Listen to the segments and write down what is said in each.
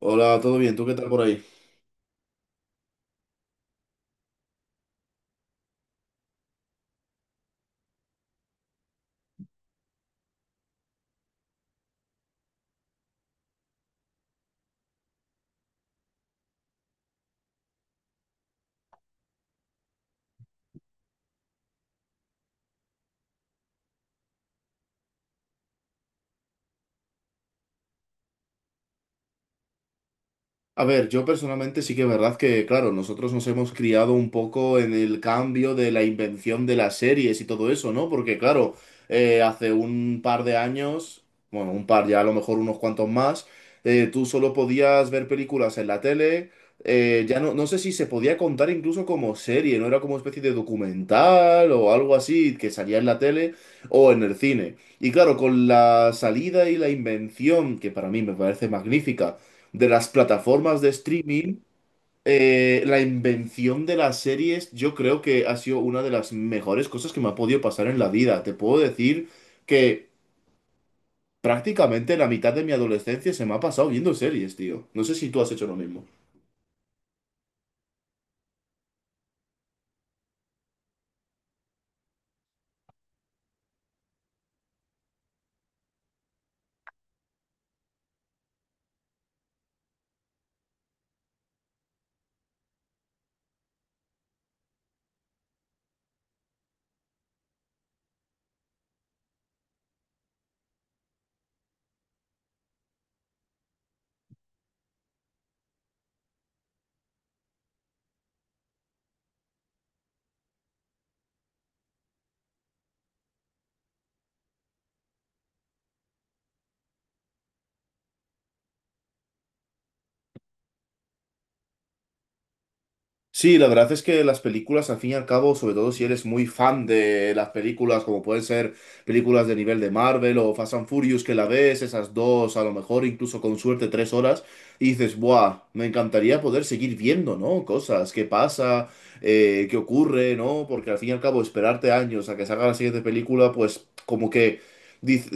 Hola, ¿todo bien? ¿Tú qué tal por ahí? A ver, yo personalmente sí que es verdad que, claro, nosotros nos hemos criado un poco en el cambio de la invención de las series y todo eso, ¿no? Porque, claro, hace un par de años, bueno, un par ya, a lo mejor unos cuantos más, tú solo podías ver películas en la tele. Ya no, no sé si se podía contar incluso como serie, no era como especie de documental o algo así que salía en la tele o en el cine. Y claro, con la salida y la invención, que para mí me parece magnífica, de las plataformas de streaming, la invención de las series, yo creo que ha sido una de las mejores cosas que me ha podido pasar en la vida. Te puedo decir que prácticamente la mitad de mi adolescencia se me ha pasado viendo series, tío. No sé si tú has hecho lo mismo. Sí, la verdad es que las películas, al fin y al cabo, sobre todo si eres muy fan de las películas, como pueden ser películas de nivel de Marvel o Fast and Furious, que la ves, esas dos, a lo mejor incluso con suerte 3 horas, y dices, ¡buah! Me encantaría poder seguir viendo, ¿no? Cosas, qué pasa, qué ocurre, ¿no? Porque al fin y al cabo, esperarte años a que salga la siguiente película, pues como que diz-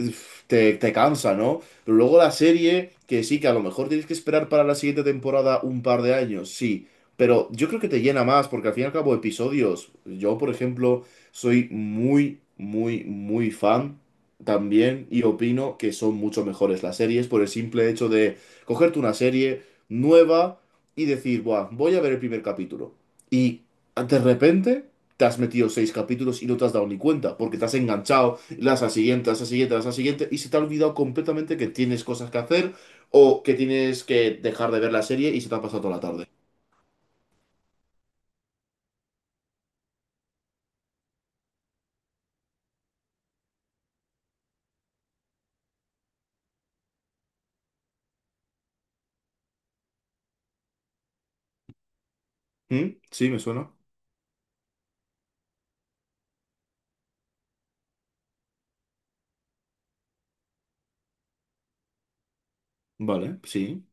te cansa, ¿no? Pero luego la serie, que sí, que a lo mejor tienes que esperar para la siguiente temporada un par de años, sí. Pero yo creo que te llena más, porque al fin y al cabo episodios, yo por ejemplo soy muy, muy, muy fan también y opino que son mucho mejores las series por el simple hecho de cogerte una serie nueva y decir, buah, voy a ver el primer capítulo. Y de repente te has metido seis capítulos y no te has dado ni cuenta, porque te has enganchado, las a siguiente, las a siguiente, las a siguiente, y se te ha olvidado completamente que tienes cosas que hacer o que tienes que dejar de ver la serie y se te ha pasado toda la tarde. Mm, sí, me suena. Vale, sí.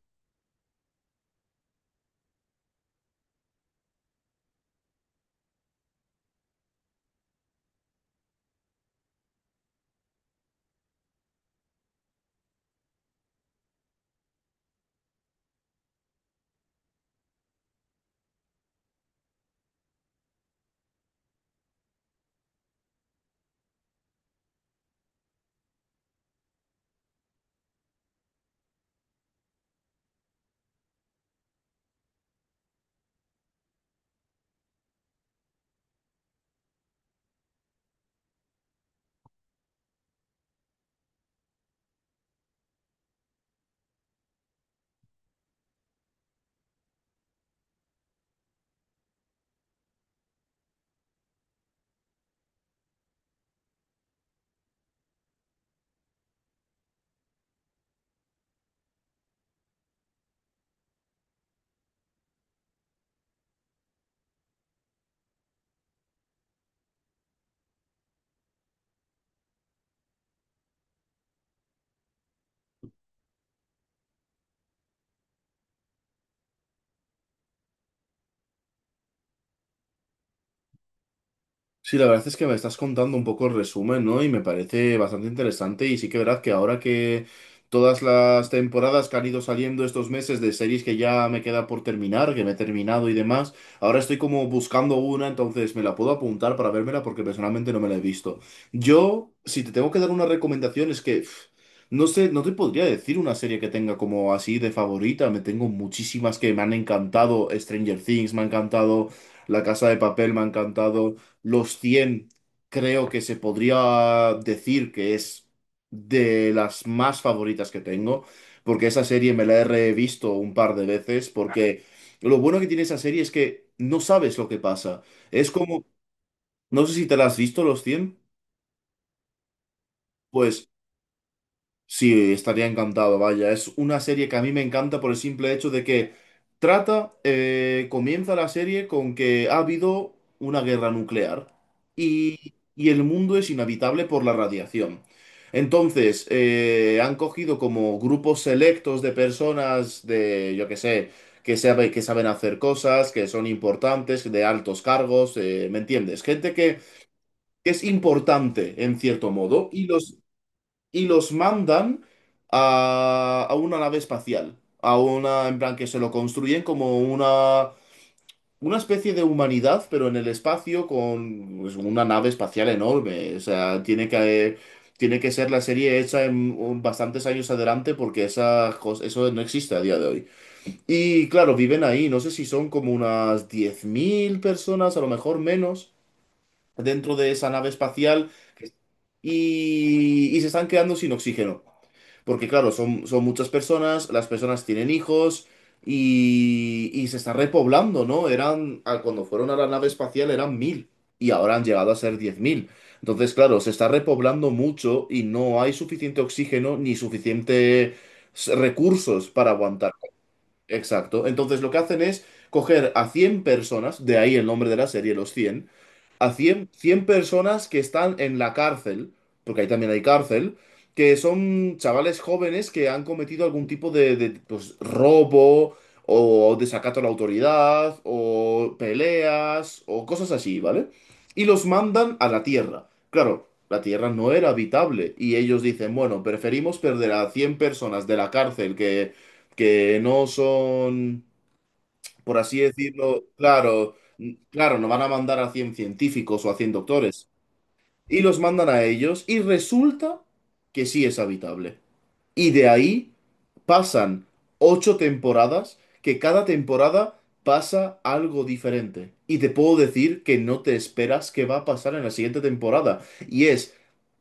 Sí, la verdad es que me estás contando un poco el resumen, ¿no? Y me parece bastante interesante. Y sí que verdad que ahora que todas las temporadas que han ido saliendo estos meses de series que ya me queda por terminar, que me he terminado y demás, ahora estoy como buscando una, entonces me la puedo apuntar para vérmela porque personalmente no me la he visto. Yo, si te tengo que dar una recomendación, es que pff, no sé, no te podría decir una serie que tenga como así de favorita. Me tengo muchísimas que me han encantado. Stranger Things me ha encantado. La Casa de Papel me ha encantado. Los cien, creo que se podría decir que es de las más favoritas que tengo, porque esa serie me la he revisto un par de veces, porque lo bueno que tiene esa serie es que no sabes lo que pasa. Es como, no sé si te la has visto, Los cien, pues sí, estaría encantado, vaya. Es una serie que a mí me encanta por el simple hecho de que trata, comienza la serie con que ha habido una guerra nuclear y el mundo es inhabitable por la radiación. Entonces, han cogido como grupos selectos de personas de, yo qué sé, que saben hacer cosas, que son importantes, de altos cargos, ¿me entiendes? Gente que es importante en cierto modo y los mandan a una nave espacial. A una, en plan, que se lo construyen como una especie de humanidad, pero en el espacio con, pues, una nave espacial enorme. O sea, tiene que ser la serie hecha en bastantes años adelante porque esa, eso no existe a día de hoy. Y claro, viven ahí, no sé si son como unas 10.000 personas, a lo mejor menos, dentro de esa nave espacial y se están quedando sin oxígeno. Porque claro, son muchas personas, las personas tienen hijos y se está repoblando, ¿no? Eran, a- cuando fueron a la nave espacial eran 1.000 y ahora han llegado a ser 10.000. Entonces, claro, se está repoblando mucho y no hay suficiente oxígeno ni suficientes recursos para aguantar. Exacto. Entonces lo que hacen es coger a 100 personas, de ahí el nombre de la serie, los cien, a cien personas que están en la cárcel, porque ahí también hay cárcel, que son chavales jóvenes que han cometido algún tipo de, pues, robo o desacato a la autoridad o peleas o cosas así, ¿vale? Y los mandan a la Tierra. Claro, la Tierra no era habitable y ellos dicen, bueno, preferimos perder a 100 personas de la cárcel que no son, por así decirlo, claro, claro, no van a mandar a 100 científicos o a 100 doctores. Y los mandan a ellos y resulta que sí es habitable. Y de ahí pasan ocho temporadas, que cada temporada pasa algo diferente. Y te puedo decir que no te esperas qué va a pasar en la siguiente temporada. Y es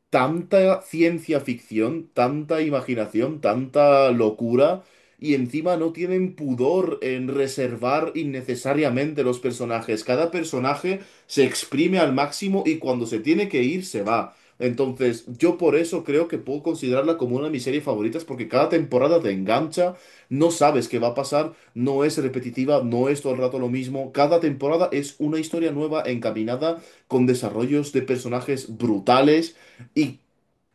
tanta ciencia ficción, tanta imaginación, tanta locura, y encima no tienen pudor en reservar innecesariamente los personajes. Cada personaje se exprime al máximo y cuando se tiene que ir, se va. Entonces, yo por eso creo que puedo considerarla como una de mis series favoritas, porque cada temporada te engancha, no sabes qué va a pasar, no es repetitiva, no es todo el rato lo mismo. Cada temporada es una historia nueva encaminada con desarrollos de personajes brutales y,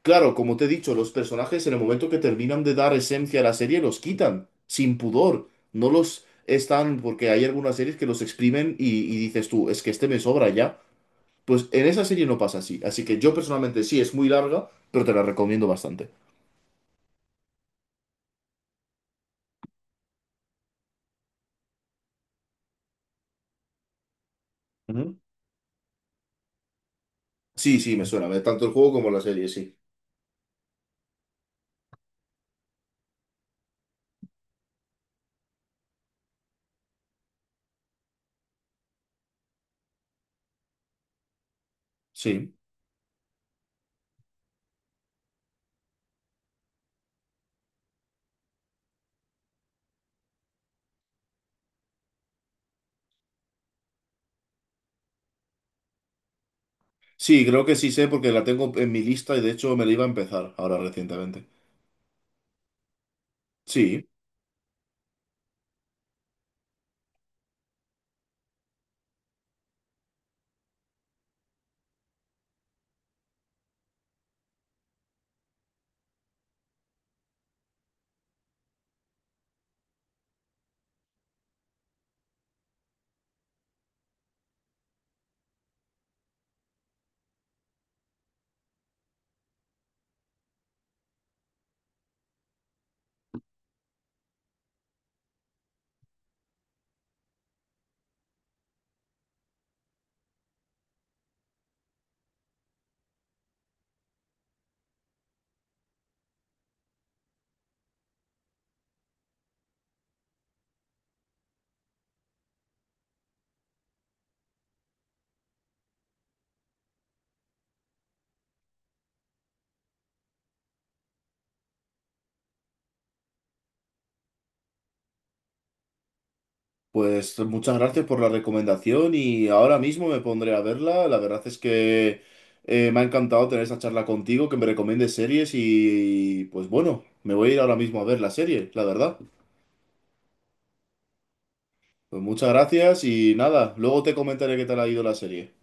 claro, como te he dicho, los personajes en el momento que terminan de dar esencia a la serie los quitan, sin pudor. No los están, porque hay algunas series que los exprimen y dices tú, es que este me sobra ya. Pues en esa serie no pasa así. Así que yo personalmente sí, es muy larga, pero te la recomiendo bastante. Ujú. Sí, sí, me suena, tanto el juego como la serie, sí. Sí. Sí, creo que sí sé porque la tengo en mi lista y de hecho me la iba a empezar ahora recientemente. Sí. Pues muchas gracias por la recomendación y ahora mismo me pondré a verla. La verdad es que me ha encantado tener esta charla contigo, que me recomiendes series y pues bueno, me voy a ir ahora mismo a ver la serie, la verdad. Pues muchas gracias y nada, luego te comentaré qué tal ha ido la serie.